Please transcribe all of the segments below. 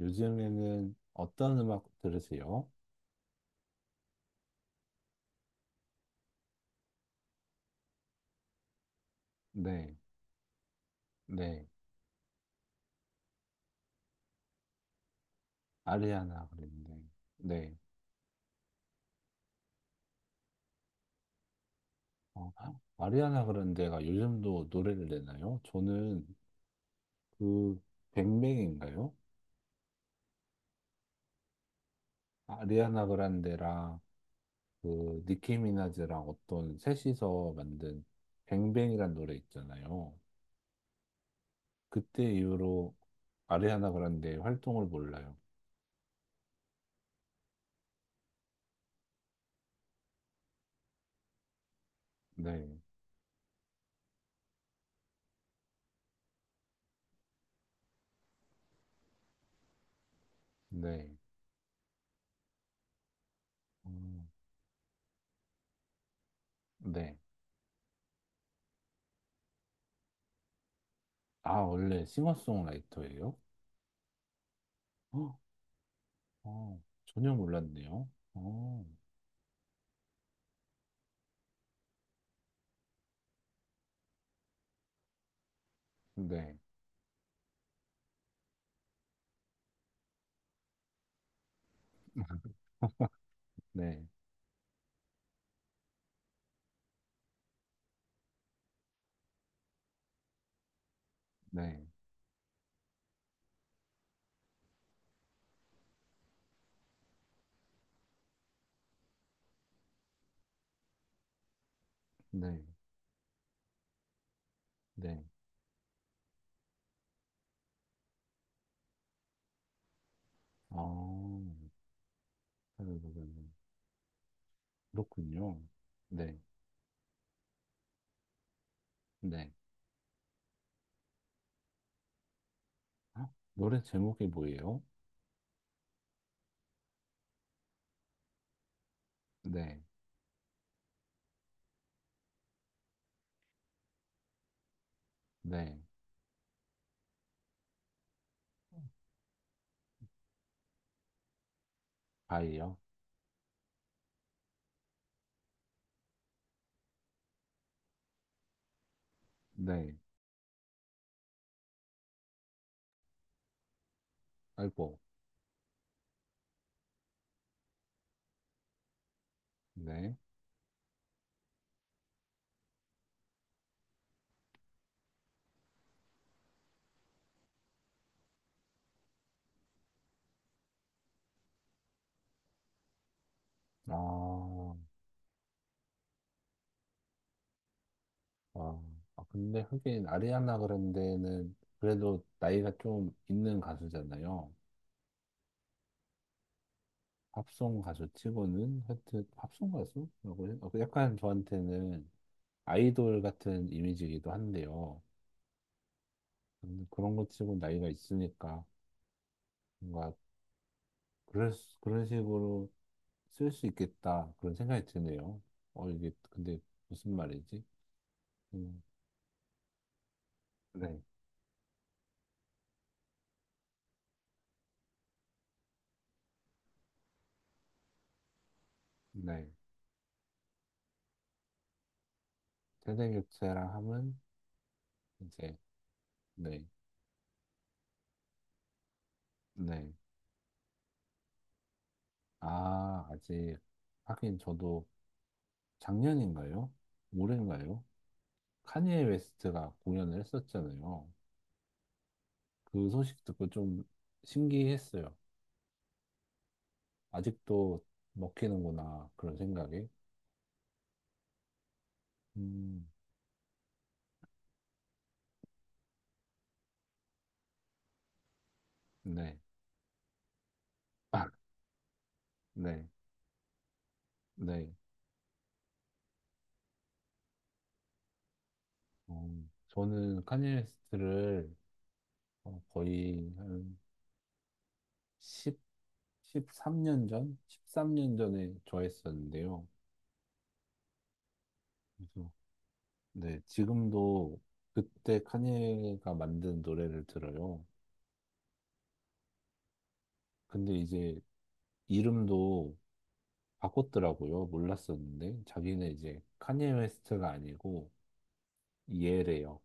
요즘에는 어떤 음악 들으세요? 네, 네. 아리아나 그랜데. 네. 어, 아리아나 그란데가 요즘도 노래를 내나요? 저는 그 뱅뱅인가요? 아리아나 그란데랑 그 니키 미나즈랑 어떤 셋이서 만든 뱅뱅이란 노래 있잖아요. 그때 이후로 아리아나 그란데의 활동을 몰라요. 네, 네, 음, 네. 아, 원래 싱어송라이터예요? 헉, 어, 전혀 몰랐네요. 어, 네, 네, 네, 네, 네. 어, 그렇군요. 네, 네. 아, 노래 제목이 뭐예요? 네, 네. 바이요? 네, 아이고, 네. 아, 아, 아, 근데 하긴 아리아나 그란데는 그래도 나이가 좀 있는 가수잖아요. 팝송 가수 치고는 하여튼 팝송 가수라고 해요? 약간 저한테는 아이돌 같은 이미지이기도 한데요. 그런 것 치고 나이가 있으니까 뭔가 그런 식으로 쓸 수 있겠다 그런 생각이 드네요. 이게 근데 무슨 말이지? 음, 네, 네. 세대 교체라 함은 이제 네, 네. 아, 아직 하긴 저도 작년인가요? 올해인가요? 카니에 웨스트가 공연을 했었잖아요. 그 소식 듣고 좀 신기했어요. 아직도 먹히는구나. 그런 생각이. 음, 네. 아, 네. 네. 저는 카니웨스트를 거의 한1 십삼 3년 전? 13년 전에 좋아했었는데요. 그래서, 네. 지금도 그때 카니가 만든 노래를 들어요. 근데 이제 이름도 바꿨더라고요. 몰랐었는데. 자기는 이제 카니웨스트가 아니고 예래요.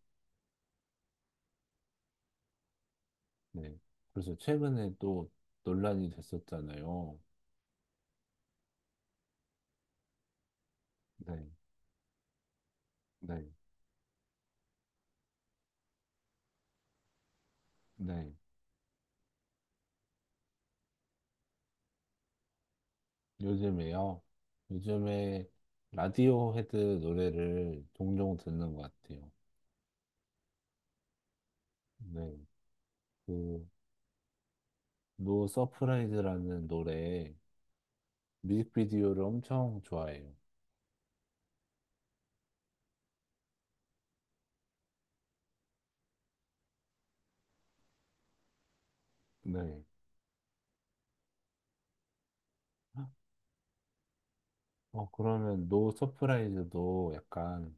네. 그래서 최근에 또 논란이 됐었잖아요. 네, 네, 네. 요즘에요. 요즘에 라디오 헤드 노래를 종종 듣는 것 같아요. 네. 그, 노 서프라이즈라는 노래 뮤직비디오를 엄청 좋아해요. 네. 그러면 노 서프라이즈도 약간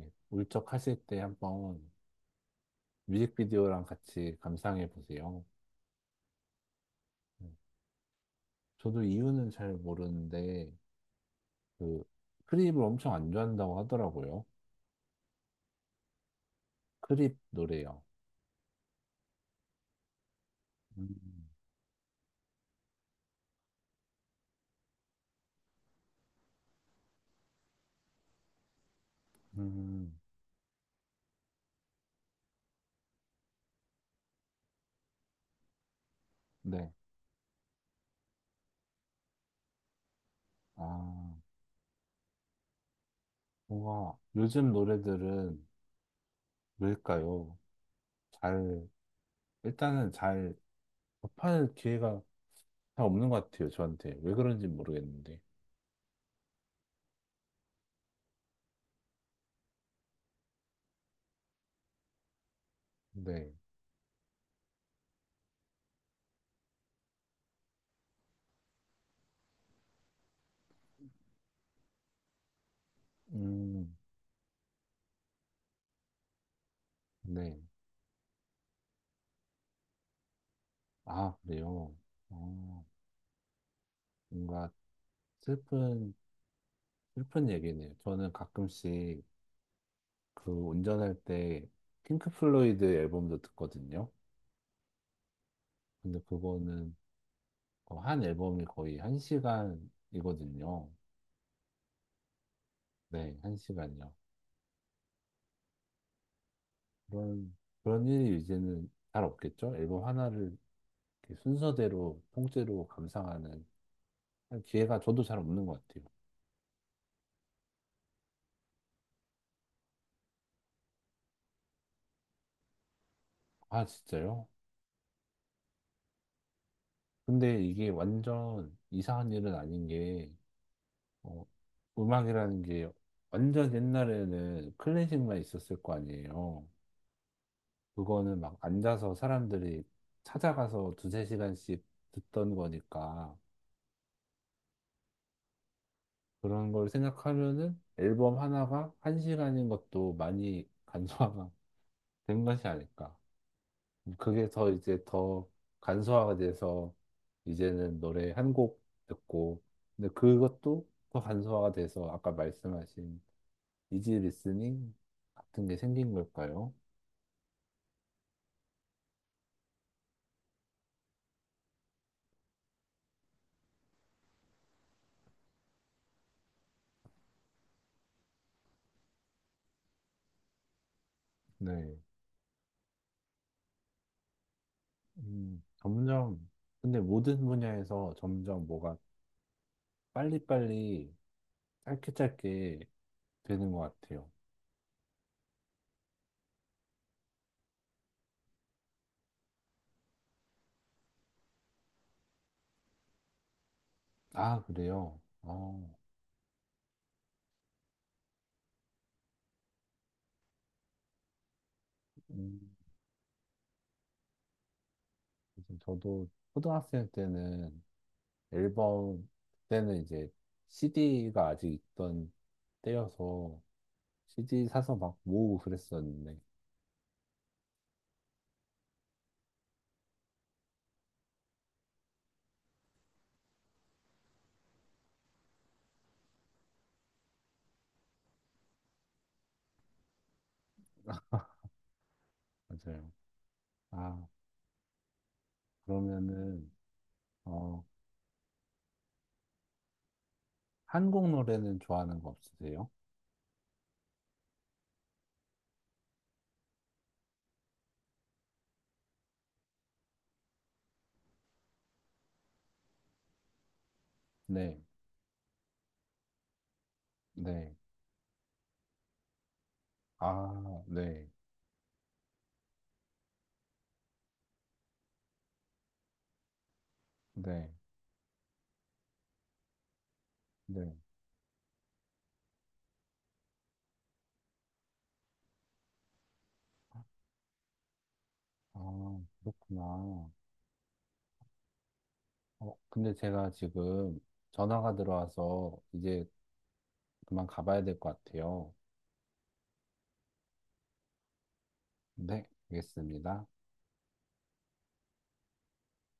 예, 울적하실 때 한번 뮤직비디오랑 같이 감상해 보세요. 네. 저도 이유는 잘 모르는데 그 크립을 엄청 안 좋아한다고 하더라고요. 크립 노래요. 음, 음, 네. 아, 뭔가 요즘 노래들은 왜일까요? 잘, 일단은 잘 접할 기회가 잘 없는 것 같아요, 저한테. 왜 그런지 모르겠는데. 네. 음, 네. 아, 그래요. 어, 뭔가 슬픈, 슬픈 얘기네요. 저는 가끔씩 그 운전할 때 핑크 플로이드 앨범도 듣거든요. 근데 그거는 한 앨범이 거의 한 시간이거든요. 네, 1시간이요. 그런, 그런 일이 이제는 잘 없겠죠? 앨범 하나를 이렇게 순서대로, 통째로 감상하는 기회가 저도 잘 없는 것 같아요. 아, 진짜요? 근데 이게 완전 이상한 일은 아닌 게, 어, 음악이라는 게 완전 옛날에는 클래식만 있었을 거 아니에요. 그거는 막 앉아서 사람들이 찾아가서 두세 시간씩 듣던 거니까. 그런 걸 생각하면은 앨범 하나가 1시간인 것도 많이 간소화가 된 것이 아닐까. 그게 더 이제 더 간소화가 돼서 이제는 노래 한 곡 듣고, 근데 그것도 더 간소화가 돼서 아까 말씀하신 이지 리스닝 같은 게 생긴 걸까요? 네. 점점, 근데 모든 분야에서 점점 뭐가 빨리빨리 짧게 짧게 되는 것 같아요. 아, 그래요? 어. 음. 요즘 저도 초등학생 때는 앨범, 그때는 이제 CD가 아직 있던 때여서 CD 사서 막 모으고 그랬었는데, 맞아요. 아, 그러면은, 어, 한국 노래는 좋아하는 거 없으세요? 네, 네, 아, 네, 네, 네, 아, 그렇구나. 근데 제가 지금 전화가 들어와서 이제 그만 가봐야 될 것 같아요. 네, 알겠습니다.